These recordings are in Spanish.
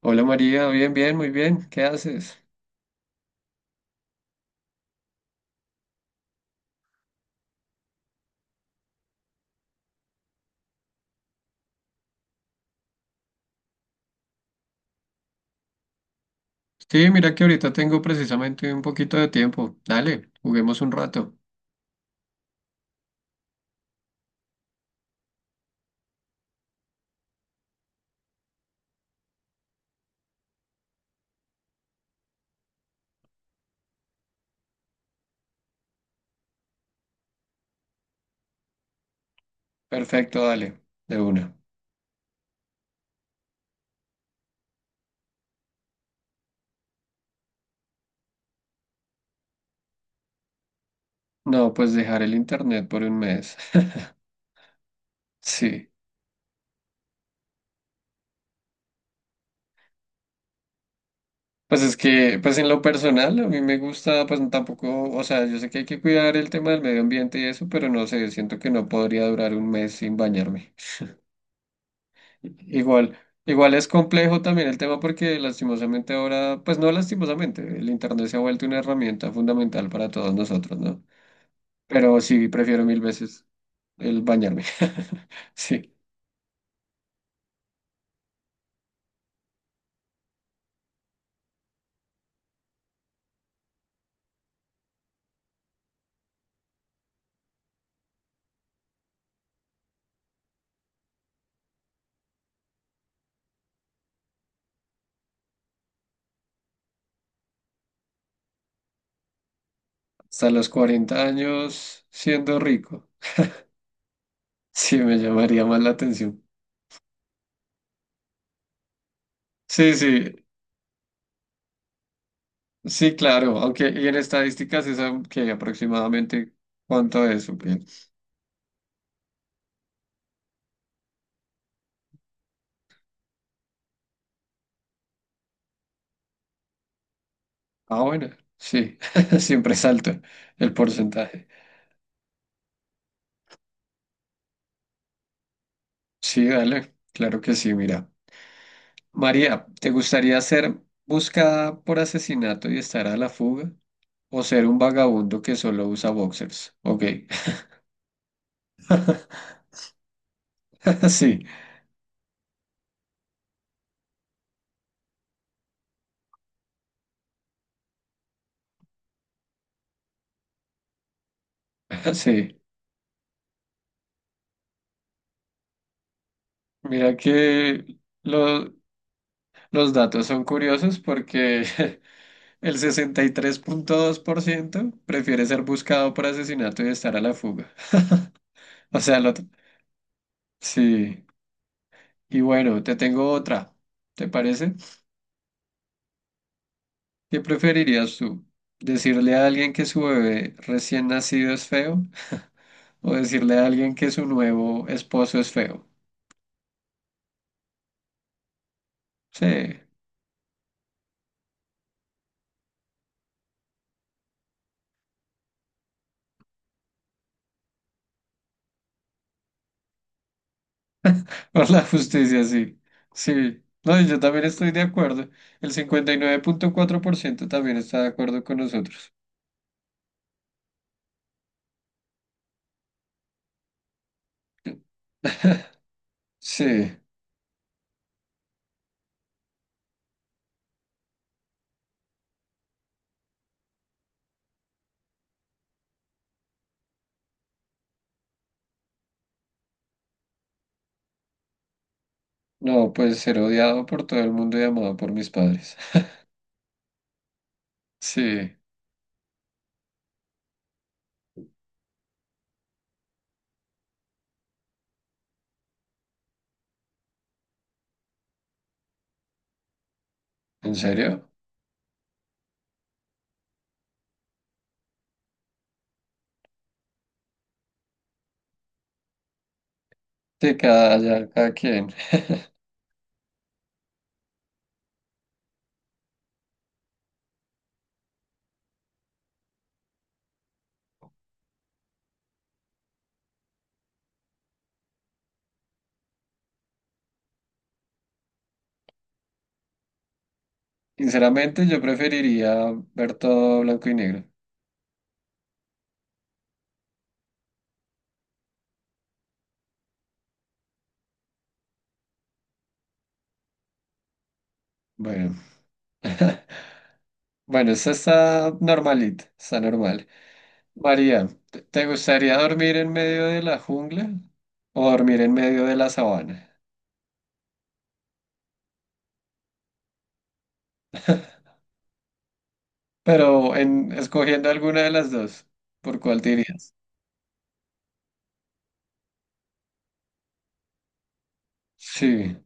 Hola María, bien, bien, muy bien. ¿Qué haces? Sí, mira que ahorita tengo precisamente un poquito de tiempo. Dale, juguemos un rato. Perfecto, dale, de una. No, pues dejar el internet por un mes. Sí. Pues es que, pues en lo personal, a mí me gusta, pues tampoco, o sea, yo sé que hay que cuidar el tema del medio ambiente y eso, pero no sé, siento que no podría durar un mes sin bañarme. Igual, igual es complejo también el tema porque lastimosamente ahora, pues no lastimosamente, el internet se ha vuelto una herramienta fundamental para todos nosotros, ¿no? Pero sí, prefiero mil veces el bañarme. Sí, hasta los 40 años siendo rico, sí me llamaría más la atención. Sí, sí, sí, claro, aunque y en estadísticas es que aproximadamente cuánto es, ¿o qué? Ah, bueno, sí, siempre salta el porcentaje. Sí, dale, claro que sí, mira. María, ¿te gustaría ser buscada por asesinato y estar a la fuga? ¿O ser un vagabundo que solo usa boxers? Ok, sí, sí. Mira que los datos son curiosos porque el 63.2% prefiere ser buscado por asesinato y estar a la fuga. O sea, lo sí. Y bueno, te tengo otra. ¿Te parece? ¿Qué preferirías tú? ¿Decirle a alguien que su bebé recién nacido es feo? O decirle a alguien que su nuevo esposo es feo. Sí, por la justicia, sí. Sí. No, y yo también estoy de acuerdo. El 59,4% también está de acuerdo con nosotros. Sí. No, pues ser odiado por todo el mundo y amado por mis padres. Sí. ¿En serio? De cada, ya, cada quien. Sinceramente, yo preferiría ver todo blanco y negro. Bueno. Bueno, esta está normalita, está normal. María, ¿te gustaría dormir en medio de la jungla o dormir en medio de la sabana? Pero en escogiendo alguna de las dos, ¿por cuál dirías? Sí,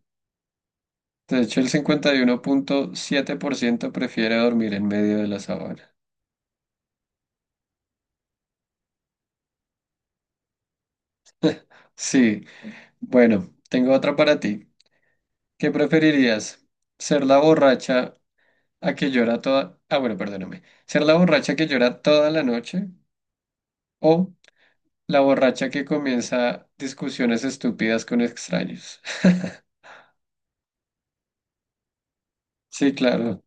de hecho el 51,7% prefiere dormir en medio de la sabana. Sí, bueno, tengo otra para ti. ¿Qué preferirías? ¿Ser la borracha a que llora toda... Ah, bueno, perdóname. ¿Ser la borracha que llora toda la noche? O La borracha que comienza discusiones estúpidas con extraños. Sí, claro.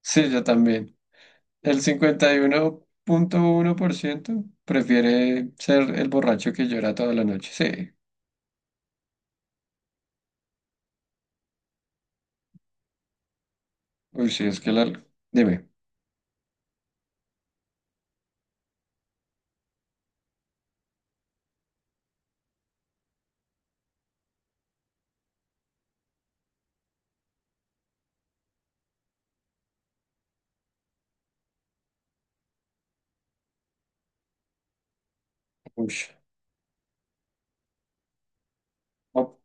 Sí, yo también. El cincuenta y uno punto uno por ciento prefiere ser el borracho que llora toda la noche. Sí. Uy, sí, es que la... Dime. Uy. Oh,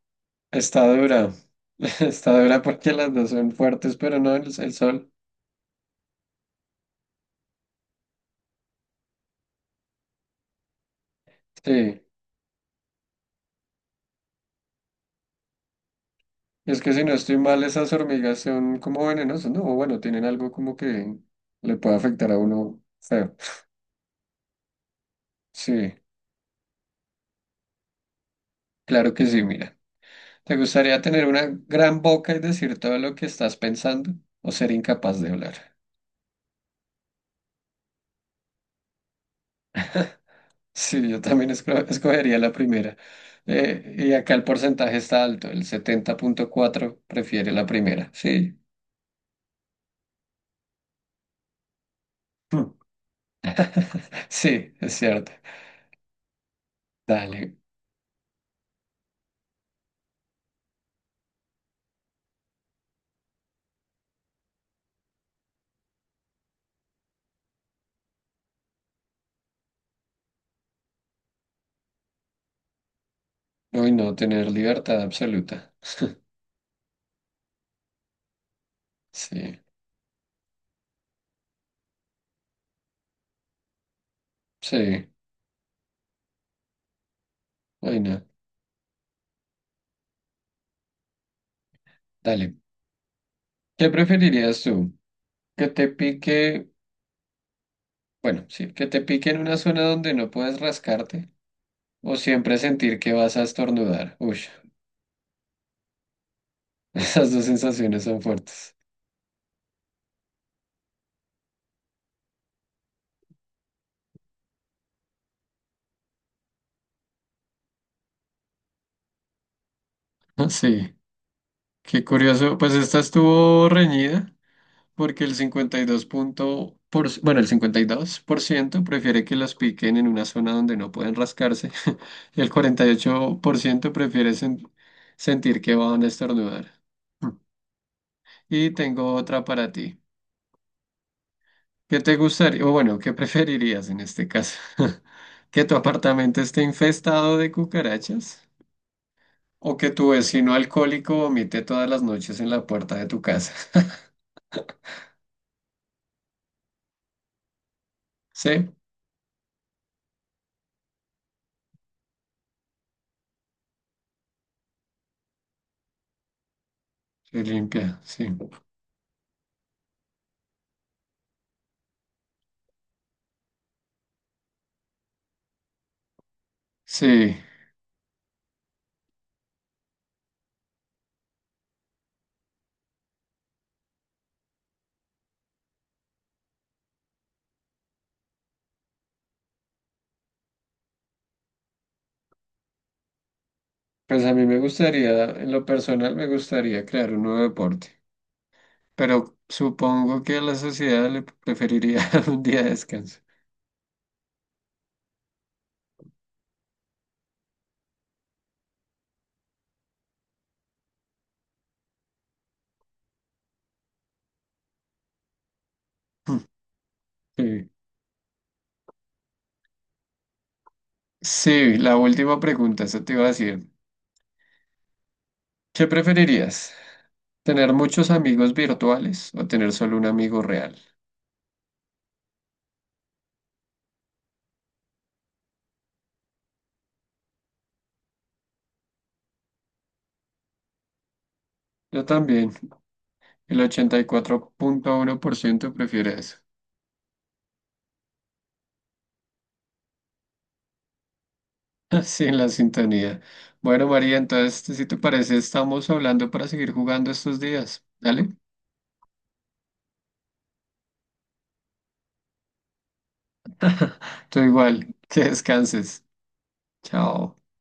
está dura. Está dura porque las dos son fuertes, pero no el sol. Sí. Es que si no estoy mal, esas hormigas son como venenosas, ¿no? O bueno, tienen algo como que le puede afectar a uno feo. Sí. Claro que sí, mira. ¿Te gustaría tener una gran boca y decir todo lo que estás pensando o ser incapaz de hablar? Sí, yo también escogería la primera. Y acá el porcentaje está alto, el 70.4 prefiere la primera. Sí, Hmm. sí, es cierto. Dale. Uy, no, tener libertad absoluta. Sí, sí, uy, no. Dale. ¿Qué preferirías tú? ¿Que te pique, bueno, sí, que te pique en una zona donde no puedes rascarte? O siempre sentir que vas a estornudar. Uy, esas dos sensaciones son fuertes. Ah, Sí, qué curioso. Pues esta estuvo reñida porque el 52% prefiere que las piquen en una zona donde no pueden rascarse y el 48% prefiere sentir que van a estornudar. Mm. Y tengo otra para ti. ¿Qué te gustaría, o bueno, qué preferirías en este caso? ¿Que tu apartamento esté infestado de cucarachas? O que tu vecino alcohólico vomite todas las noches en la puerta de tu casa. Sí, se limpia, sí. Sí, pues a mí me gustaría, en lo personal me gustaría crear un nuevo deporte, pero supongo que a la sociedad le preferiría un día de descanso. Sí. Sí, la última pregunta, eso te iba a decir. ¿Qué preferirías? ¿Tener muchos amigos virtuales o tener solo un amigo real? Yo también, el 84,1% prefiere eso. Sí, en la sintonía. Bueno, María, entonces, este, si te parece, estamos hablando para seguir jugando estos días. Dale. Tú igual, que descanses. Chao.